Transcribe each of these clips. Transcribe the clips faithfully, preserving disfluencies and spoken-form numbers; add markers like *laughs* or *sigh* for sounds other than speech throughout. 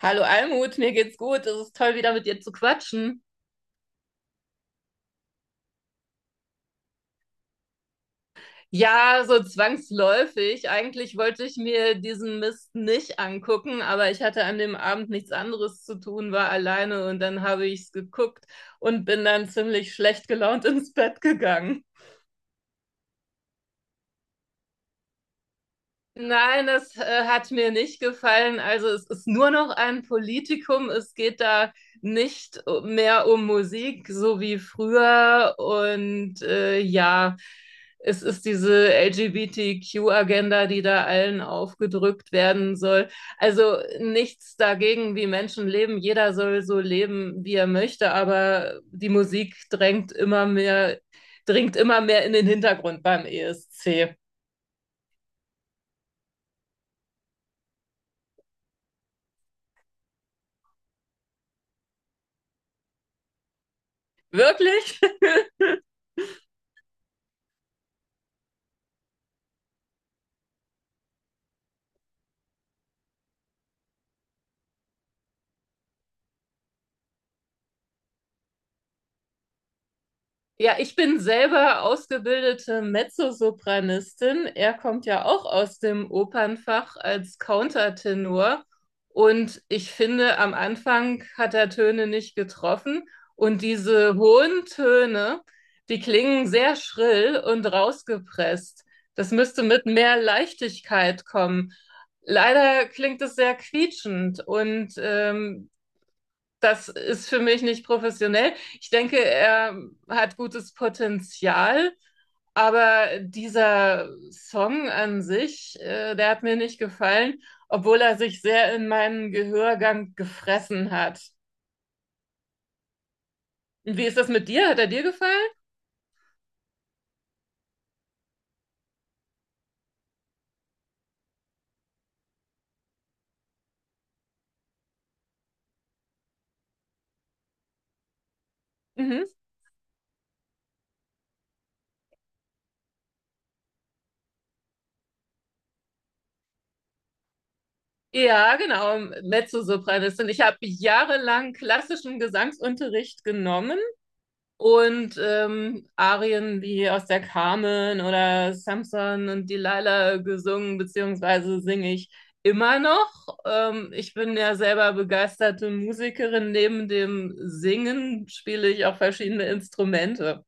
Hallo Almut, mir geht's gut. Es ist toll, wieder mit dir zu quatschen. Ja, so zwangsläufig. Eigentlich wollte ich mir diesen Mist nicht angucken, aber ich hatte an dem Abend nichts anderes zu tun, war alleine und dann habe ich's geguckt und bin dann ziemlich schlecht gelaunt ins Bett gegangen. Nein, das äh, hat mir nicht gefallen. Also es ist nur noch ein Politikum. Es geht da nicht mehr um Musik, so wie früher. Und äh, ja, es ist diese L G B T Q-Agenda, die da allen aufgedrückt werden soll. Also nichts dagegen, wie Menschen leben. Jeder soll so leben, wie er möchte. Aber die Musik drängt immer mehr, dringt immer mehr in den Hintergrund beim E S C. Wirklich? *laughs* Ja, ich bin selber ausgebildete Mezzosopranistin. Er kommt ja auch aus dem Opernfach als Countertenor. Und ich finde, am Anfang hat er Töne nicht getroffen. Und diese hohen Töne, die klingen sehr schrill und rausgepresst. Das müsste mit mehr Leichtigkeit kommen. Leider klingt es sehr quietschend und ähm, das ist für mich nicht professionell. Ich denke, er hat gutes Potenzial, aber dieser Song an sich, äh, der hat mir nicht gefallen, obwohl er sich sehr in meinen Gehörgang gefressen hat. Und wie ist das mit dir? Hat er dir gefallen? Mhm. Ja, genau, Mezzosopranistin. Ich habe jahrelang klassischen Gesangsunterricht genommen und ähm, Arien wie aus der Carmen oder Samson und Delilah gesungen, beziehungsweise singe ich immer noch. Ähm, ich bin ja selber begeisterte Musikerin. Neben dem Singen spiele ich auch verschiedene Instrumente.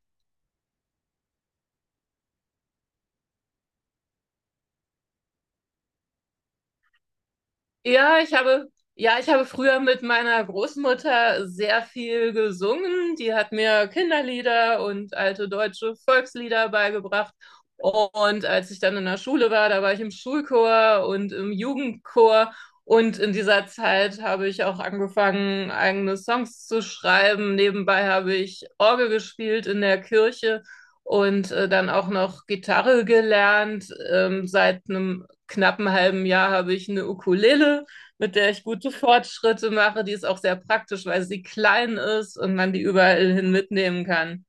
Ja, ich habe, ja, ich habe früher mit meiner Großmutter sehr viel gesungen. Die hat mir Kinderlieder und alte deutsche Volkslieder beigebracht. Und als ich dann in der Schule war, da war ich im Schulchor und im Jugendchor. Und in dieser Zeit habe ich auch angefangen, eigene Songs zu schreiben. Nebenbei habe ich Orgel gespielt in der Kirche und äh, dann auch noch Gitarre gelernt. Ähm, seit einem knappen halben Jahr habe ich eine Ukulele, mit der ich gute Fortschritte mache. Die ist auch sehr praktisch, weil sie klein ist und man die überall hin mitnehmen kann.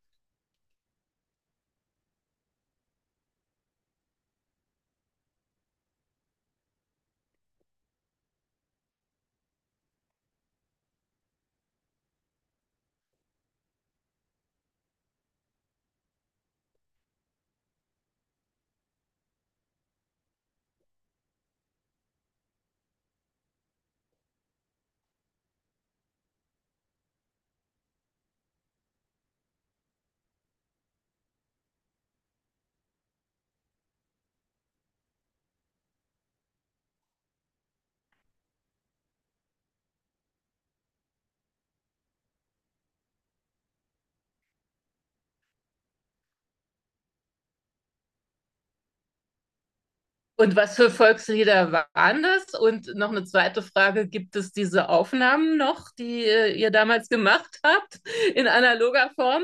Und was für Volkslieder waren das? Und noch eine zweite Frage, gibt es diese Aufnahmen noch, die äh, ihr damals gemacht habt, in analoger Form?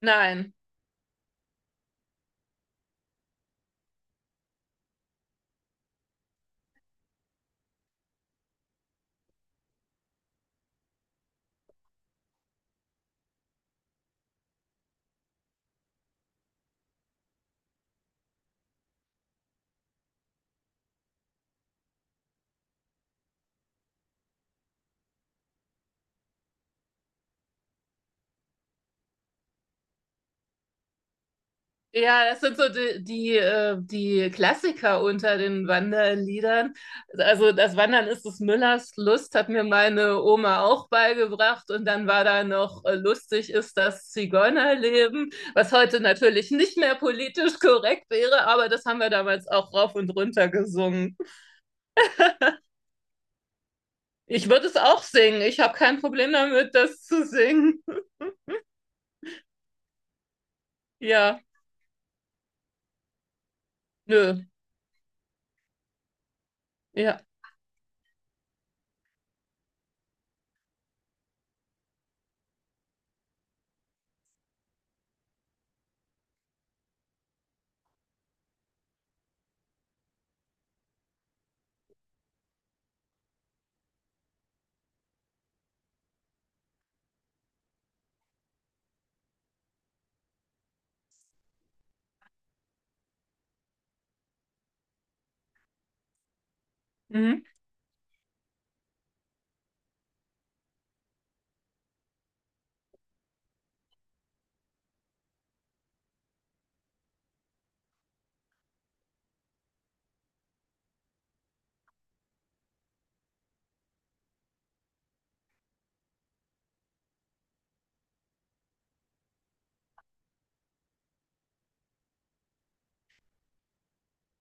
Nein. Ja, das sind so die, die, äh, die Klassiker unter den Wanderliedern. Also das Wandern ist des Müllers Lust, hat mir meine Oma auch beigebracht. Und dann war da noch äh, lustig ist das Zigeunerleben, was heute natürlich nicht mehr politisch korrekt wäre, aber das haben wir damals auch rauf und runter gesungen. Ich würde es auch singen. Ich habe kein Problem damit, das zu singen. Ja, nö, ja. Mhm.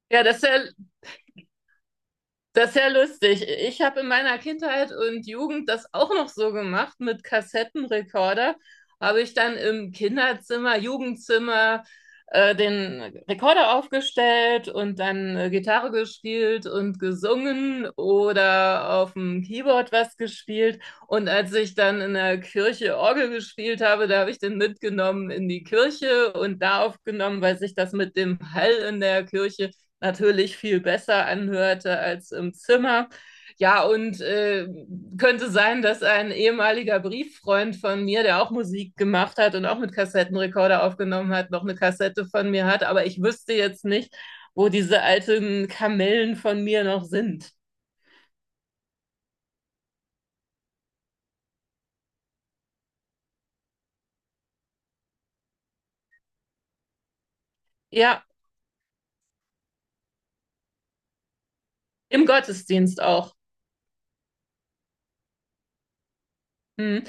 Ja, das ist ja Das ist ja lustig. Ich habe in meiner Kindheit und Jugend das auch noch so gemacht mit Kassettenrekorder. Habe ich dann im Kinderzimmer, Jugendzimmer äh, den Rekorder aufgestellt und dann äh, Gitarre gespielt und gesungen oder auf dem Keyboard was gespielt. Und als ich dann in der Kirche Orgel gespielt habe, da habe ich den mitgenommen in die Kirche und da aufgenommen, weil sich das mit dem Hall in der Kirche natürlich viel besser anhörte als im Zimmer. Ja, und äh, könnte sein, dass ein ehemaliger Brieffreund von mir, der auch Musik gemacht hat und auch mit Kassettenrekorder aufgenommen hat, noch eine Kassette von mir hat. Aber ich wüsste jetzt nicht, wo diese alten Kamellen von mir noch sind. Ja, im Gottesdienst auch. Hm.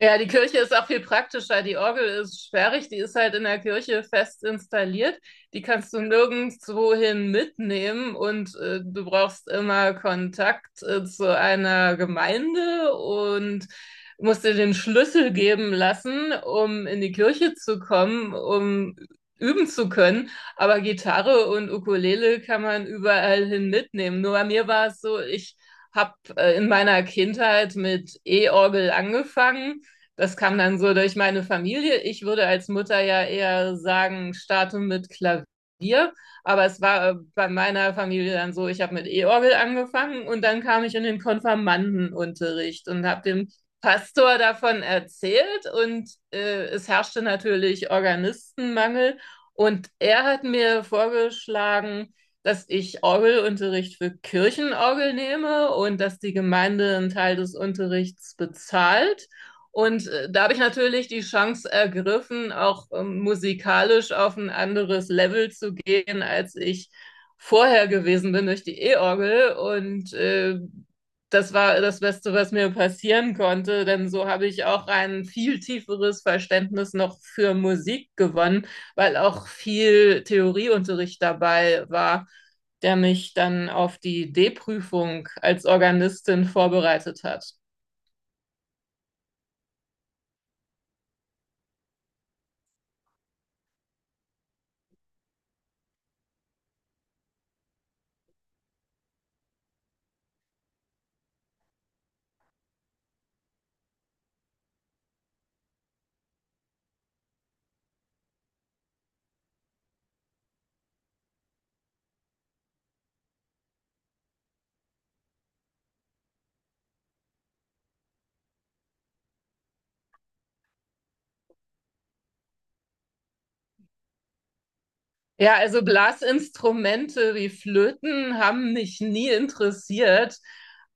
Ja, die Kirche ist auch viel praktischer. Die Orgel ist sperrig, die ist halt in der Kirche fest installiert. Die kannst du nirgendwohin mitnehmen und äh, du brauchst immer Kontakt äh, zu einer Gemeinde und musst dir den Schlüssel geben lassen, um in die Kirche zu kommen, um üben zu können. Aber Gitarre und Ukulele kann man überall hin mitnehmen. Nur bei mir war es so, ich habe äh, in meiner Kindheit mit E-Orgel angefangen, das kam dann so durch meine Familie. Ich würde als Mutter ja eher sagen, starte mit Klavier. Aber es war äh, bei meiner Familie dann so, ich habe mit E-Orgel angefangen und dann kam ich in den Konfirmandenunterricht und habe dem Pastor davon erzählt und äh, es herrschte natürlich Organistenmangel und er hat mir vorgeschlagen, dass ich Orgelunterricht für Kirchenorgel nehme und dass die Gemeinde einen Teil des Unterrichts bezahlt. Und äh, da habe ich natürlich die Chance ergriffen, auch ähm, musikalisch auf ein anderes Level zu gehen, als ich vorher gewesen bin durch die E-Orgel. Und äh, das war das Beste, was mir passieren konnte, denn so habe ich auch ein viel tieferes Verständnis noch für Musik gewonnen, weil auch viel Theorieunterricht dabei war, der mich dann auf die D-Prüfung als Organistin vorbereitet hat. Ja, also Blasinstrumente wie Flöten haben mich nie interessiert,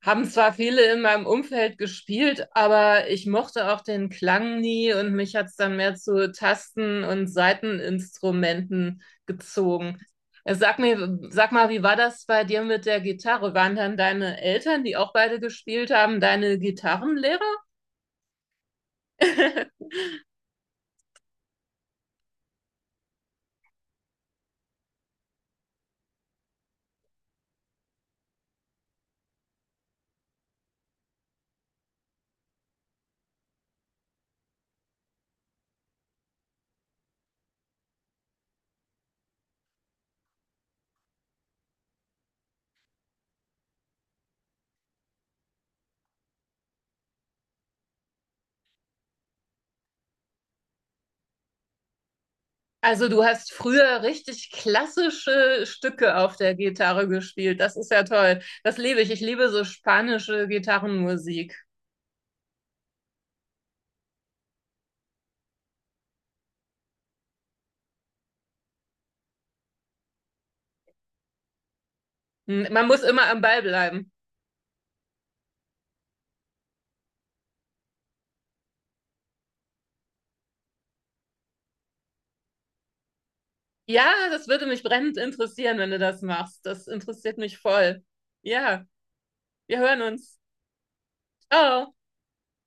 haben zwar viele in meinem Umfeld gespielt, aber ich mochte auch den Klang nie und mich hat's dann mehr zu Tasten- und Saiteninstrumenten gezogen. Äh, Sag mir, sag mal, wie war das bei dir mit der Gitarre? Waren dann deine Eltern, die auch beide gespielt haben, deine Gitarrenlehrer? *laughs* Also du hast früher richtig klassische Stücke auf der Gitarre gespielt. Das ist ja toll. Das liebe ich. Ich liebe so spanische Gitarrenmusik. Hm, man muss immer am Ball bleiben. Ja, das würde mich brennend interessieren, wenn du das machst. Das interessiert mich voll. Ja, wir hören uns. Ciao.